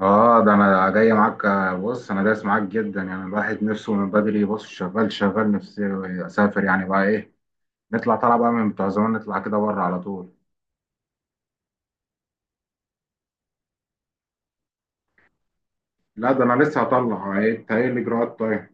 اه، ده انا جاي معاك، بص انا دايس معاك جدا. يعني الواحد نفسه من بدري، بص شغال نفسي اسافر، يعني بقى ايه؟ نطلع بقى من بتوع زمان، نطلع كده بره على طول. لا، ده انا لسه هطلع. ايه إنت، ايه الاجراءات طيب؟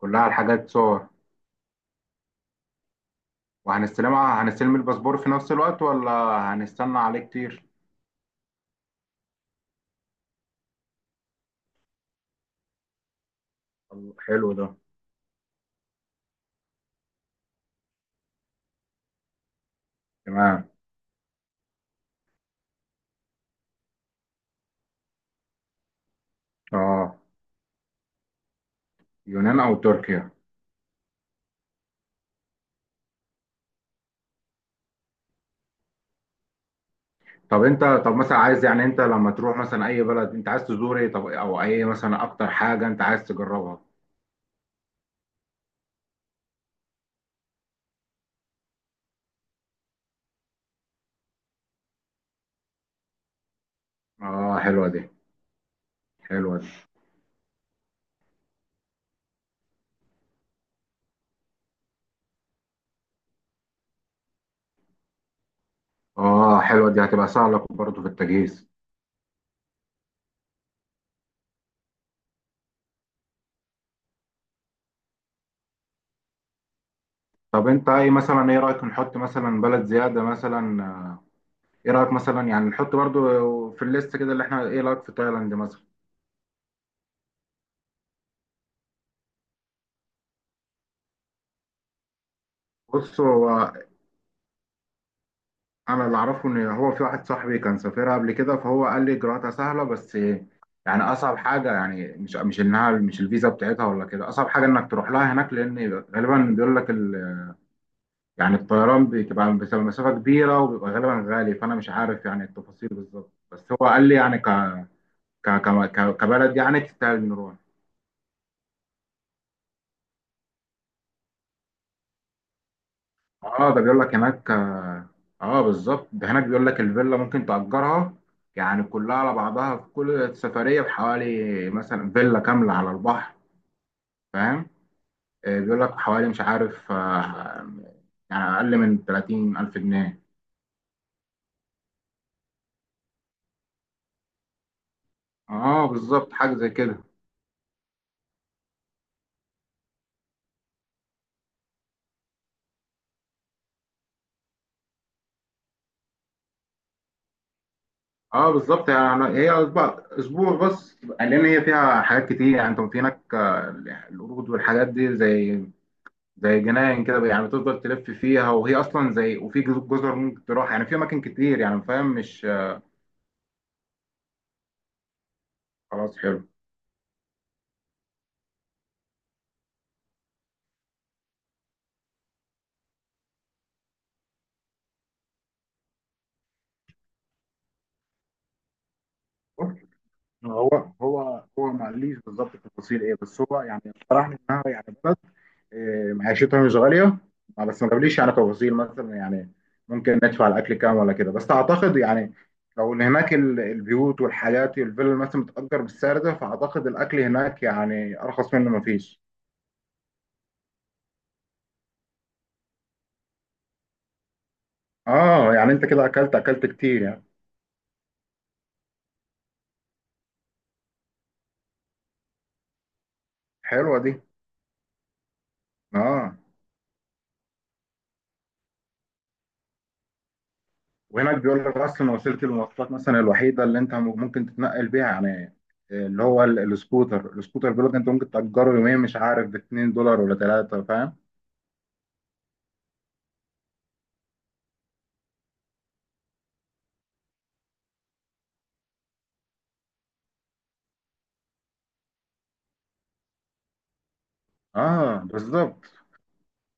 كلها الحاجات صور؟ وهنستلمها هنستلم الباسبور في نفس الوقت ولا؟ هنستنى عليه كتير؟ طب حلو ده، تمام. اه، يونان او تركيا. طب انت مثلا عايز، يعني انت لما تروح مثلا اي بلد انت عايز تزور ايه؟ طب، او اي مثلا اكتر حاجة انت عايز تجربها؟ اه، حلوة دي. حلوة دي. اه، حلوة دي، هتبقى سهلة برضه في التجهيز. طب انت ايه، مثلا ايه رأيك نحط مثلا بلد زيادة مثلا؟ ايه رأيك مثلا، يعني نحط برضه في الليست كده، اللي احنا، ايه رأيك في تايلاند مثلا؟ بص، هو انا اللي اعرفه ان هو في واحد صاحبي كان سافرها قبل كده، فهو قال لي اجراءاتها سهلة بس. يعني اصعب حاجة، يعني مش انها مش الفيزا بتاعتها ولا كده، اصعب حاجة انك تروح لها هناك، لان غالبا بيقول لك يعني الطيران بتبقى مسافة كبيرة، وبيبقى غالبا غالي، فأنا مش عارف يعني التفاصيل بالظبط، بس هو قال لي يعني كبلد يعني تستاهل نروح. اه، ده بيقول لك هناك، بالظبط، ده هناك بيقول لك الفيلا ممكن تأجرها، يعني كلها على بعضها في كل سفرية بحوالي، مثلا فيلا كاملة على البحر، فاهم؟ بيقول لك حوالي، مش عارف، يعني أقل من 30 ألف جنيه. اه بالظبط، حاجة زي كده. اه، بالظبط، يعني هي أسبوع اسبوع بس، لان هي فيها حاجات كتير، يعني انت في هناك، القرود والحاجات دي، زي جناين كده، يعني بتفضل تلف فيها، وهي اصلا زي، وفي جزر ممكن تروح، يعني في اماكن كتير، يعني فاهم مش؟ خلاص حلو. هو ما قاليش بالظبط التفاصيل ايه، بس هو يعني اقترح لي انها يعني بلد، معيشتها مش غاليه، بس ما قاليش يعني تفاصيل، مثلا يعني ممكن ندفع الاكل كام ولا كده، بس اعتقد يعني لو ان هناك البيوت والحاجات والفيلا مثلا بتأجر بالسعر ده، فاعتقد الاكل هناك يعني ارخص منه ما فيش. اه، يعني انت كده اكلت اكلت كتير يعني. حلوه دي. اه، وهناك بيقول لك اصلا وسيله المواصلات مثلا الوحيده اللي انت ممكن تتنقل بيها، يعني اللي هو السكوتر بيقول لك انت ممكن تاجره يوميا، مش عارف ب $2 ولا 3، فاهم؟ اه بالظبط.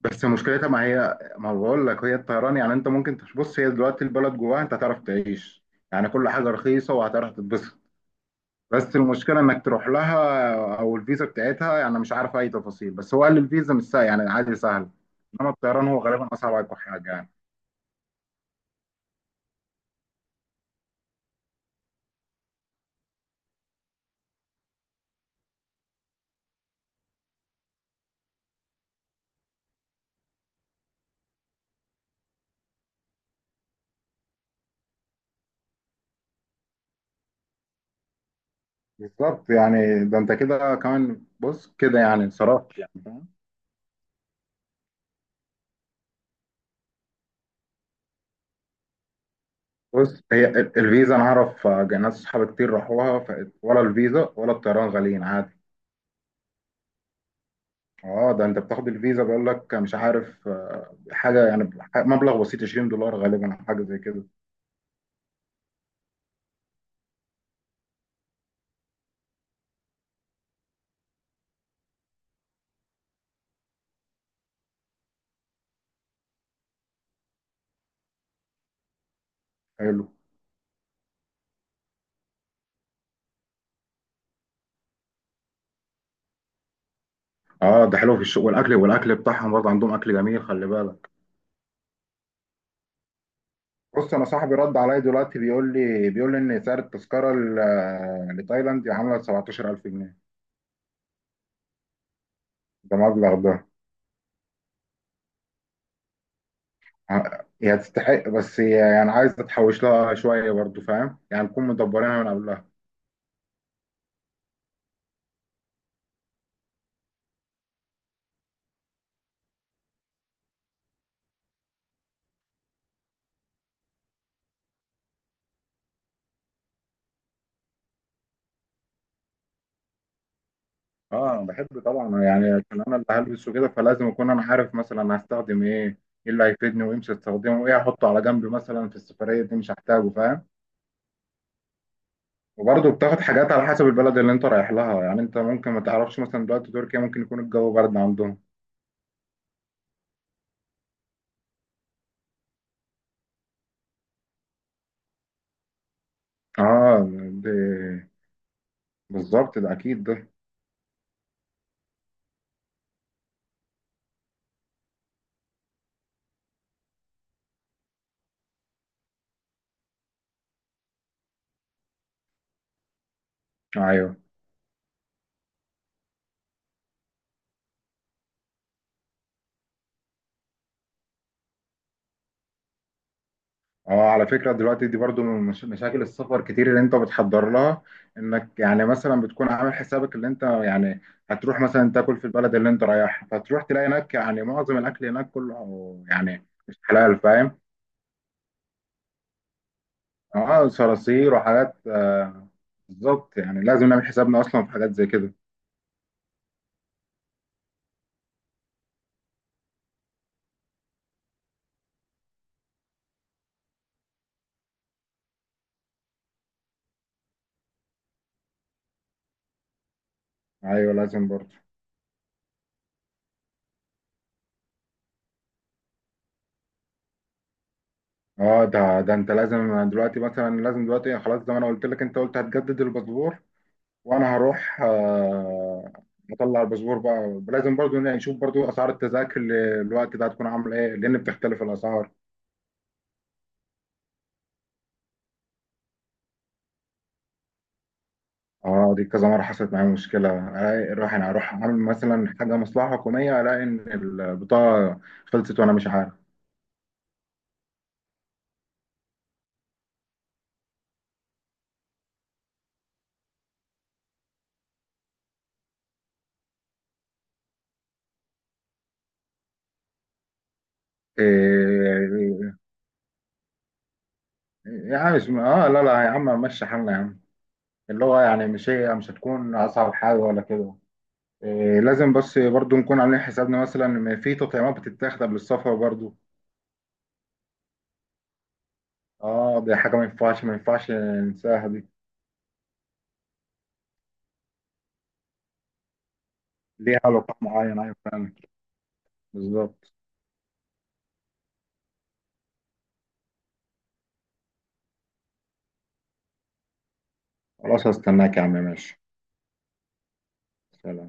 بس مشكلتها ما هي ما بقول لك، هي الطيران يعني انت ممكن بص، هي دلوقتي البلد جواها انت هتعرف تعيش، يعني كل حاجه رخيصه وهتعرف تتبسط. بس المشكله انك تروح لها، او الفيزا بتاعتها يعني مش عارف اي تفاصيل، بس هو قال الفيزا مش سهل، يعني عادي سهل. انما الطيران هو غالبا اصعب حاجه يعني. بالظبط، يعني ده انت كده كمان، بص كده يعني انصرفت، يعني فاهم. بص، هي الفيزا انا اعرف، ناس صحابي كتير راحوها، ولا الفيزا ولا الطيران غاليين عادي. اه، ده انت بتاخد الفيزا، بيقول لك مش عارف حاجه، يعني مبلغ بسيط $20 غالبا، أو حاجه زي كده. حلو. اه، ده حلو في الشغل والاكل بتاعهم برضه عندهم اكل جميل، خلي بالك. بص انا صاحبي رد عليا دلوقتي، بيقول لي ان سعر التذكره لتايلاند عامله 17000 جنيه. ده مبلغ ده، هي تستحق، بس هي يعني عايز تتحوش لها شوية برضو فاهم، يعني نكون مدبرينها من قبلها. اه، انا بحب طبعا، يعني عشان انا اللي هلبسه كده، فلازم اكون انا عارف مثلا أنا هستخدم ايه، ايه اللي هيفيدني وامشي استخدمه، وايه هحطه على جنب مثلا في السفرية دي مش هحتاجه فاهم. وبرضه بتاخد حاجات على حسب البلد اللي انت رايح لها، يعني انت ممكن ما تعرفش، مثلا دلوقتي تركيا ممكن يكون الجو برد عندهم. اه دي. بالظبط، ده اكيد ده. ايوه. اه، على فكرة دلوقتي دي برضو من مشاكل السفر كتير اللي انت بتحضر لها، انك يعني مثلا بتكون عامل حسابك، اللي انت يعني هتروح مثلا تاكل في البلد اللي انت رايحها، فتروح تلاقي هناك يعني معظم الاكل هناك كله يعني مش حلال فاهم. اه، صراصير وحاجات، بالظبط، يعني لازم نعمل حسابنا اصلا في حاجات زي كده. ايوه لازم برضو. اه، ده انت لازم، دلوقتي مثلا لازم دلوقتي خلاص، زي ما انا قلت لك، انت قلت هتجدد الباسبور، وانا هروح مطلع الباسبور بقى. لازم برضو يعني نشوف برضو اسعار التذاكر الوقت ده هتكون عامله ايه، لان بتختلف الاسعار. اه، دي كذا مره حصلت معايا مشكله، الاقي اروح انا اروح اعمل مثلا حاجه مصلحه حكوميه، الاقي ان البطاقه خلصت وانا مش عارف. إيه يعني مش لا لا يا عم، مشي حالنا يا عم، اللي هو يعني مش هي مش هتكون اصعب حاجه ولا كده. إيه، لازم بس برضو نكون عاملين حسابنا مثلا إن في تطعيمات بتتاخد قبل السفر برضو. اه، دي حاجة ما ينفعش ما ينفعش ننساها دي. ليها علاقة معين، ايوه فعلا. بالظبط. خلاص، هستناك يا عم، ماشي. سلام.